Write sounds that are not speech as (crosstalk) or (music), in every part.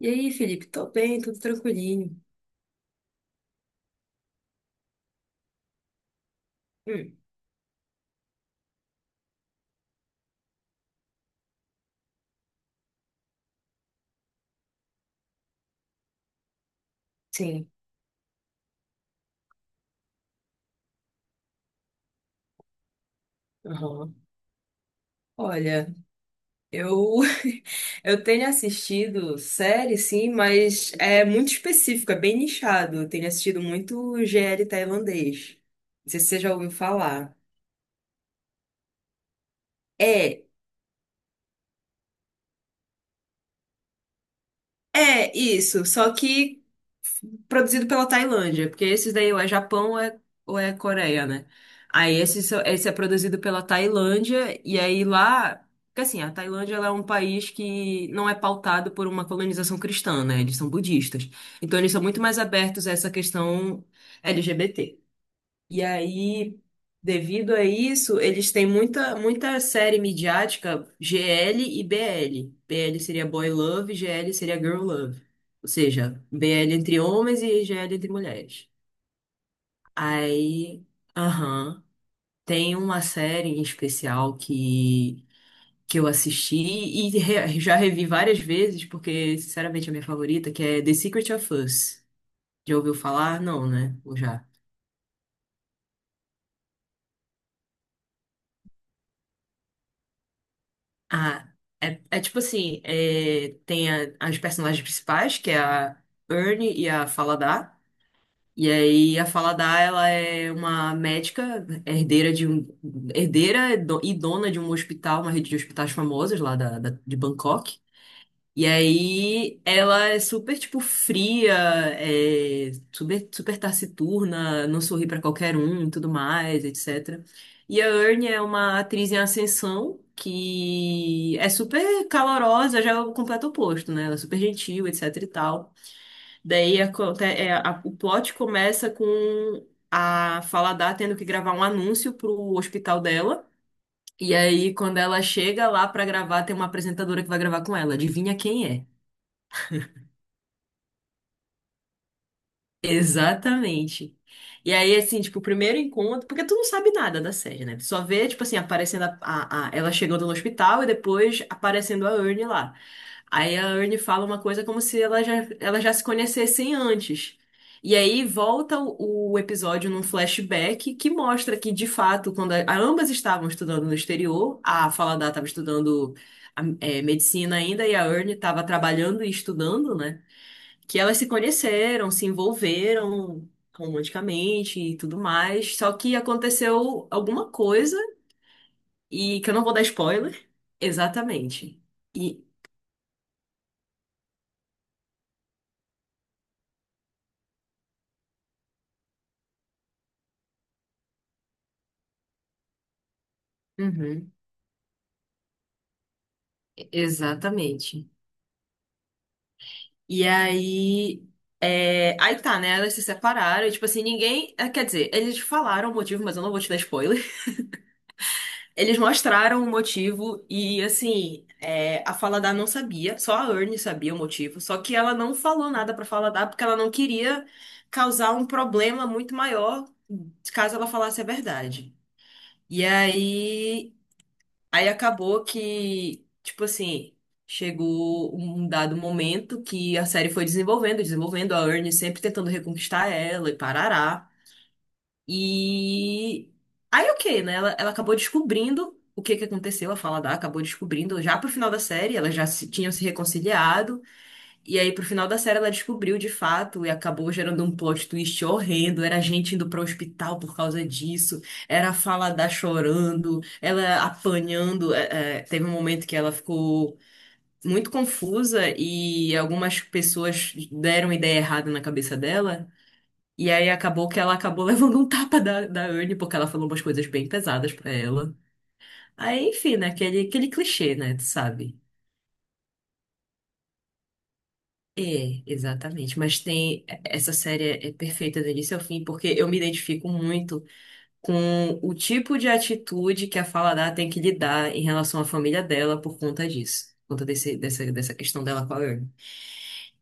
E aí, Felipe? Tô bem, tudo tranquilinho. Hum. Sim. Aham. Olha, eu (laughs) eu tenho assistido série, sim, mas é muito específico, é bem nichado. Eu tenho assistido muito GL tailandês. Não sei se você já ouviu falar. É. É isso, só que produzido pela Tailândia, porque esses daí ou é Japão ou é Coreia, né? Aí esse, esse é produzido pela Tailândia, e aí lá. Porque assim, a Tailândia ela é um país que não é pautado por uma colonização cristã, né? Eles são budistas. Então eles são muito mais abertos a essa questão LGBT. E aí, devido a isso, eles têm muita, muita série midiática GL e BL. BL seria Boy Love, GL seria Girl Love. Ou seja, BL entre homens e GL entre mulheres. Aí, aham, tem uma série em especial que eu assisti e já revi várias vezes, porque, sinceramente, é a minha favorita, que é The Secret of Us. Já ouviu falar? Não, né? Ou já? Ah, é, é tipo assim, é, tem as personagens principais, que é a Ernie e a Faladar. E aí a Faladar, ela é uma médica, herdeira e e dona de um hospital, uma rede de hospitais famosas lá de Bangkok. E aí ela é super, tipo, fria, é, super, super taciturna, não sorri pra qualquer um e tudo mais, etc. E a Ernie é uma atriz em ascensão que é super calorosa, já é o completo oposto, né? Ela é super gentil, etc e tal. Daí é, o plot começa com a Faladar tendo que gravar um anúncio pro hospital dela. E aí, quando ela chega lá pra gravar, tem uma apresentadora que vai gravar com ela. Adivinha quem é? Exatamente. E aí, assim, tipo, o primeiro encontro, porque tu não sabe nada da série, né? Tu só vê, tipo assim, aparecendo ela chegando no hospital e depois aparecendo a Ernie lá. Aí a Ernie fala uma coisa como se ela já se conhecessem antes. E aí volta o episódio num flashback que mostra que, de fato, quando a, ambas estavam estudando no exterior, a Faladar estava estudando é, medicina ainda e a Ernie estava trabalhando e estudando, né? Que elas se conheceram, se envolveram romanticamente e tudo mais. Só que aconteceu alguma coisa e que eu não vou dar spoiler. Exatamente. E uhum, exatamente. E aí é, aí tá, né? Elas se separaram, e, tipo assim, ninguém, eh, quer dizer, eles falaram o motivo, mas eu não vou te dar spoiler. Eles mostraram o motivo e, assim, é, a Faladar não sabia, só a Ernie sabia o motivo, só que ela não falou nada pra Faladar porque ela não queria causar um problema muito maior caso ela falasse a verdade. E aí, aí acabou que, tipo assim, chegou um dado momento que a série foi desenvolvendo, desenvolvendo, a Ernie sempre tentando reconquistar ela e parará. E aí o que né? Ela acabou descobrindo o que que aconteceu, a Falada acabou descobrindo já pro final da série, elas já se, tinham se reconciliado, e aí pro final da série ela descobriu de fato e acabou gerando um plot twist horrendo, era gente indo pro hospital por causa disso, era a Falada chorando, ela apanhando, é, é, teve um momento que ela ficou muito confusa e algumas pessoas deram ideia errada na cabeça dela. E aí acabou que ela acabou (laughs) levando um tapa da Anne, porque ela falou umas coisas bem pesadas pra ela. Aí, enfim, né? Aquele clichê, né? Tu sabe? É, exatamente. Mas tem. É, essa série é perfeita do início ao fim, porque eu me identifico muito com o tipo de atitude que a Faladar tem que lidar em relação à família dela por conta disso. Por conta dessa questão dela com a Anne.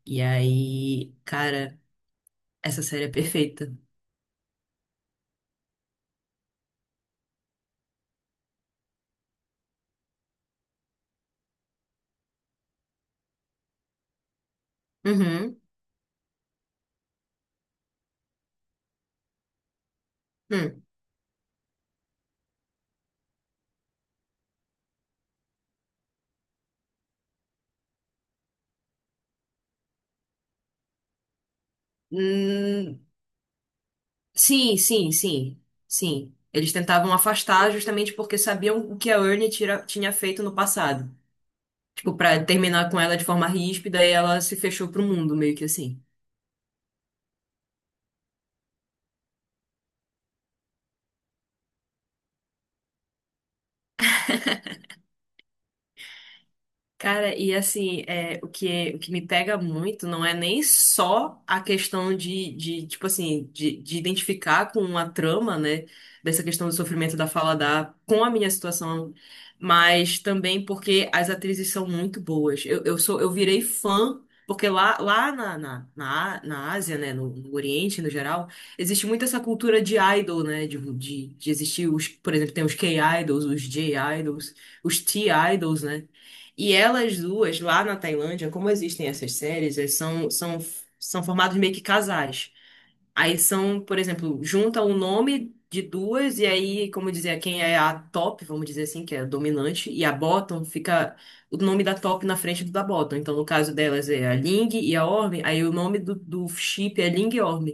E aí, cara, essa série é perfeita. Uhum. Hum. Hum. Sim, sim, sim, sim. Eles tentavam afastar justamente porque sabiam o que a Ernie tinha feito no passado. Tipo, pra terminar com ela de forma ríspida e ela se fechou pro mundo, meio que assim. Cara, e assim, é, o que me pega muito não é nem só a questão de tipo assim, de identificar com a trama, né, dessa questão do sofrimento da Faladar com a minha situação, mas também porque as atrizes são muito boas. Eu virei fã, porque lá, lá na, na, na, na Ásia, né, no Oriente, no geral, existe muito essa cultura de idol, né, de existir os, por exemplo, tem os K-idols, os J-idols, os T-idols, né, e elas duas, lá na Tailândia, como existem essas séries, são formados meio que casais. Aí são, por exemplo, junta o nome de duas, e aí, como dizer, quem é a top, vamos dizer assim, que é a dominante, e a bottom, fica o nome da top na frente do da bottom. Então, no caso delas é a Ling e a Orm, aí o nome do chip é Ling e Orm.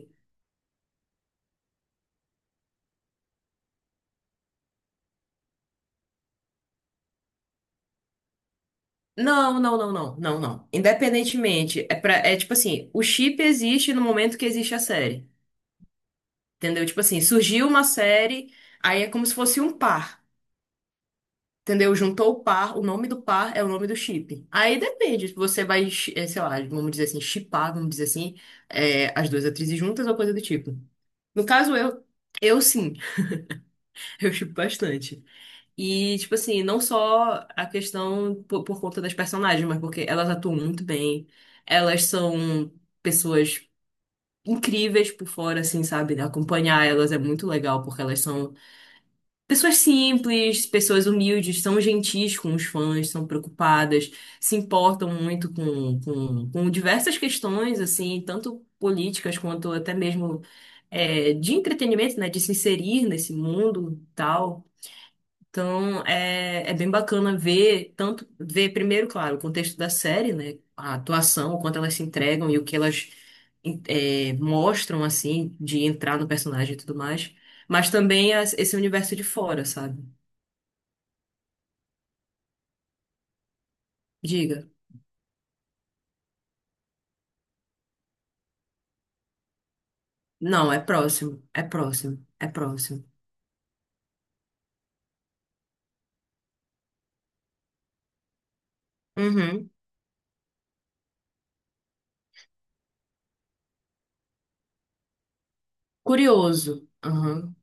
Não, não. Independentemente, é, pra, é tipo assim, o chip existe no momento que existe a série. Entendeu? Tipo assim, surgiu uma série, aí é como se fosse um par. Entendeu? Juntou o par, o nome do par é o nome do chip. Aí depende, se você vai, eh, sei lá, vamos dizer assim, chipar, vamos dizer assim, eh, as duas atrizes juntas ou coisa do tipo. No caso, eu sim, (laughs) eu chipo bastante. E, tipo assim, não só a questão por conta das personagens, mas porque elas atuam muito bem, elas são pessoas incríveis por fora, assim, sabe? Acompanhar elas é muito legal, porque elas são pessoas simples, pessoas humildes, são gentis com os fãs, são preocupadas, se importam muito com diversas questões, assim, tanto políticas quanto até mesmo é, de entretenimento, né, de se inserir nesse mundo e tal. Então, é, é bem bacana ver, tanto ver primeiro, claro, o contexto da série, né, a atuação, o quanto elas se entregam e o que elas é, mostram, assim, de entrar no personagem e tudo mais, mas também esse universo de fora, sabe? Diga. Não, é próximo. É próximo. É próximo. Uhum. Curioso. Uhum.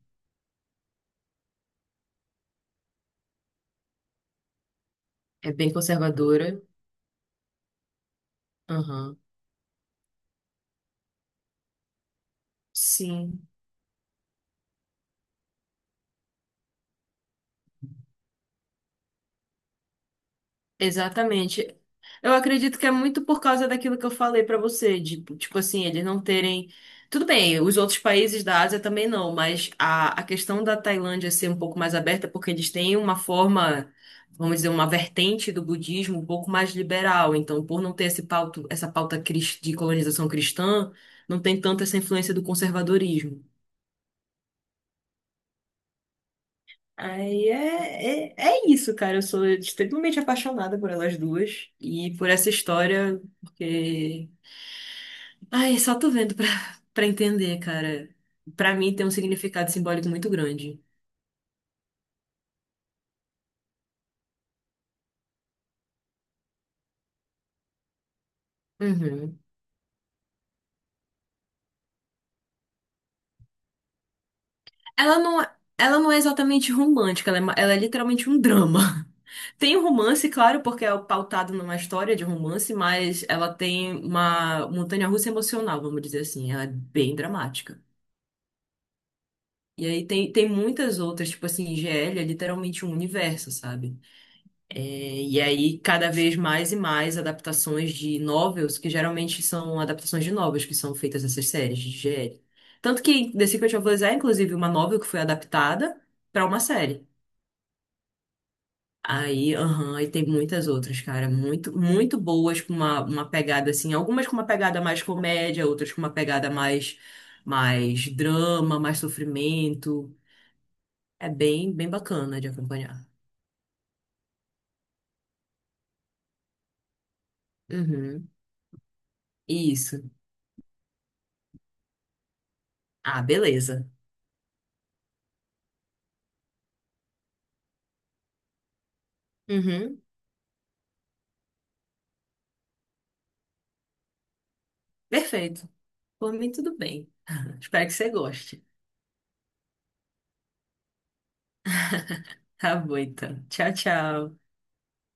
É bem conservadora. Uhum. Sim. Exatamente. Eu acredito que é muito por causa daquilo que eu falei pra você, de, tipo assim, eles não terem. Tudo bem, os outros países da Ásia também não, mas a questão da Tailândia ser um pouco mais aberta, é porque eles têm uma forma, vamos dizer, uma vertente do budismo um pouco mais liberal. Então, por não ter esse pauta, essa de colonização cristã, não tem tanto essa influência do conservadorismo. Aí é, é, é isso, cara. Eu sou extremamente apaixonada por elas duas e por essa história, porque. Ai, só tô vendo pra, (laughs) pra entender, cara. Pra mim tem um significado simbólico muito grande. Uhum. Ela não é exatamente romântica, ela é, ela é literalmente um drama. (laughs) Tem um romance, claro, porque é pautado numa história de romance, mas ela tem uma montanha-russa emocional, vamos dizer assim. Ela é bem dramática. E aí tem, tem muitas outras, tipo assim, GL é literalmente um universo, sabe? É, e aí, cada vez mais e mais adaptações de novels, que geralmente são adaptações de novels que são feitas essas séries de GL. Tanto que The Secret of Us é, inclusive, uma novel que foi adaptada para uma série. Aí, aham, aí tem muitas outras, cara, muito, muito boas, com uma pegada assim, algumas com uma pegada mais comédia, outras com uma pegada mais, mais drama, mais sofrimento. É bem, bem bacana de acompanhar. Uhum. Isso. Ah, beleza. Uhum. Perfeito. Por mim, tudo bem. (laughs) Espero que você goste. Tá bom, então. Tchau, tchau.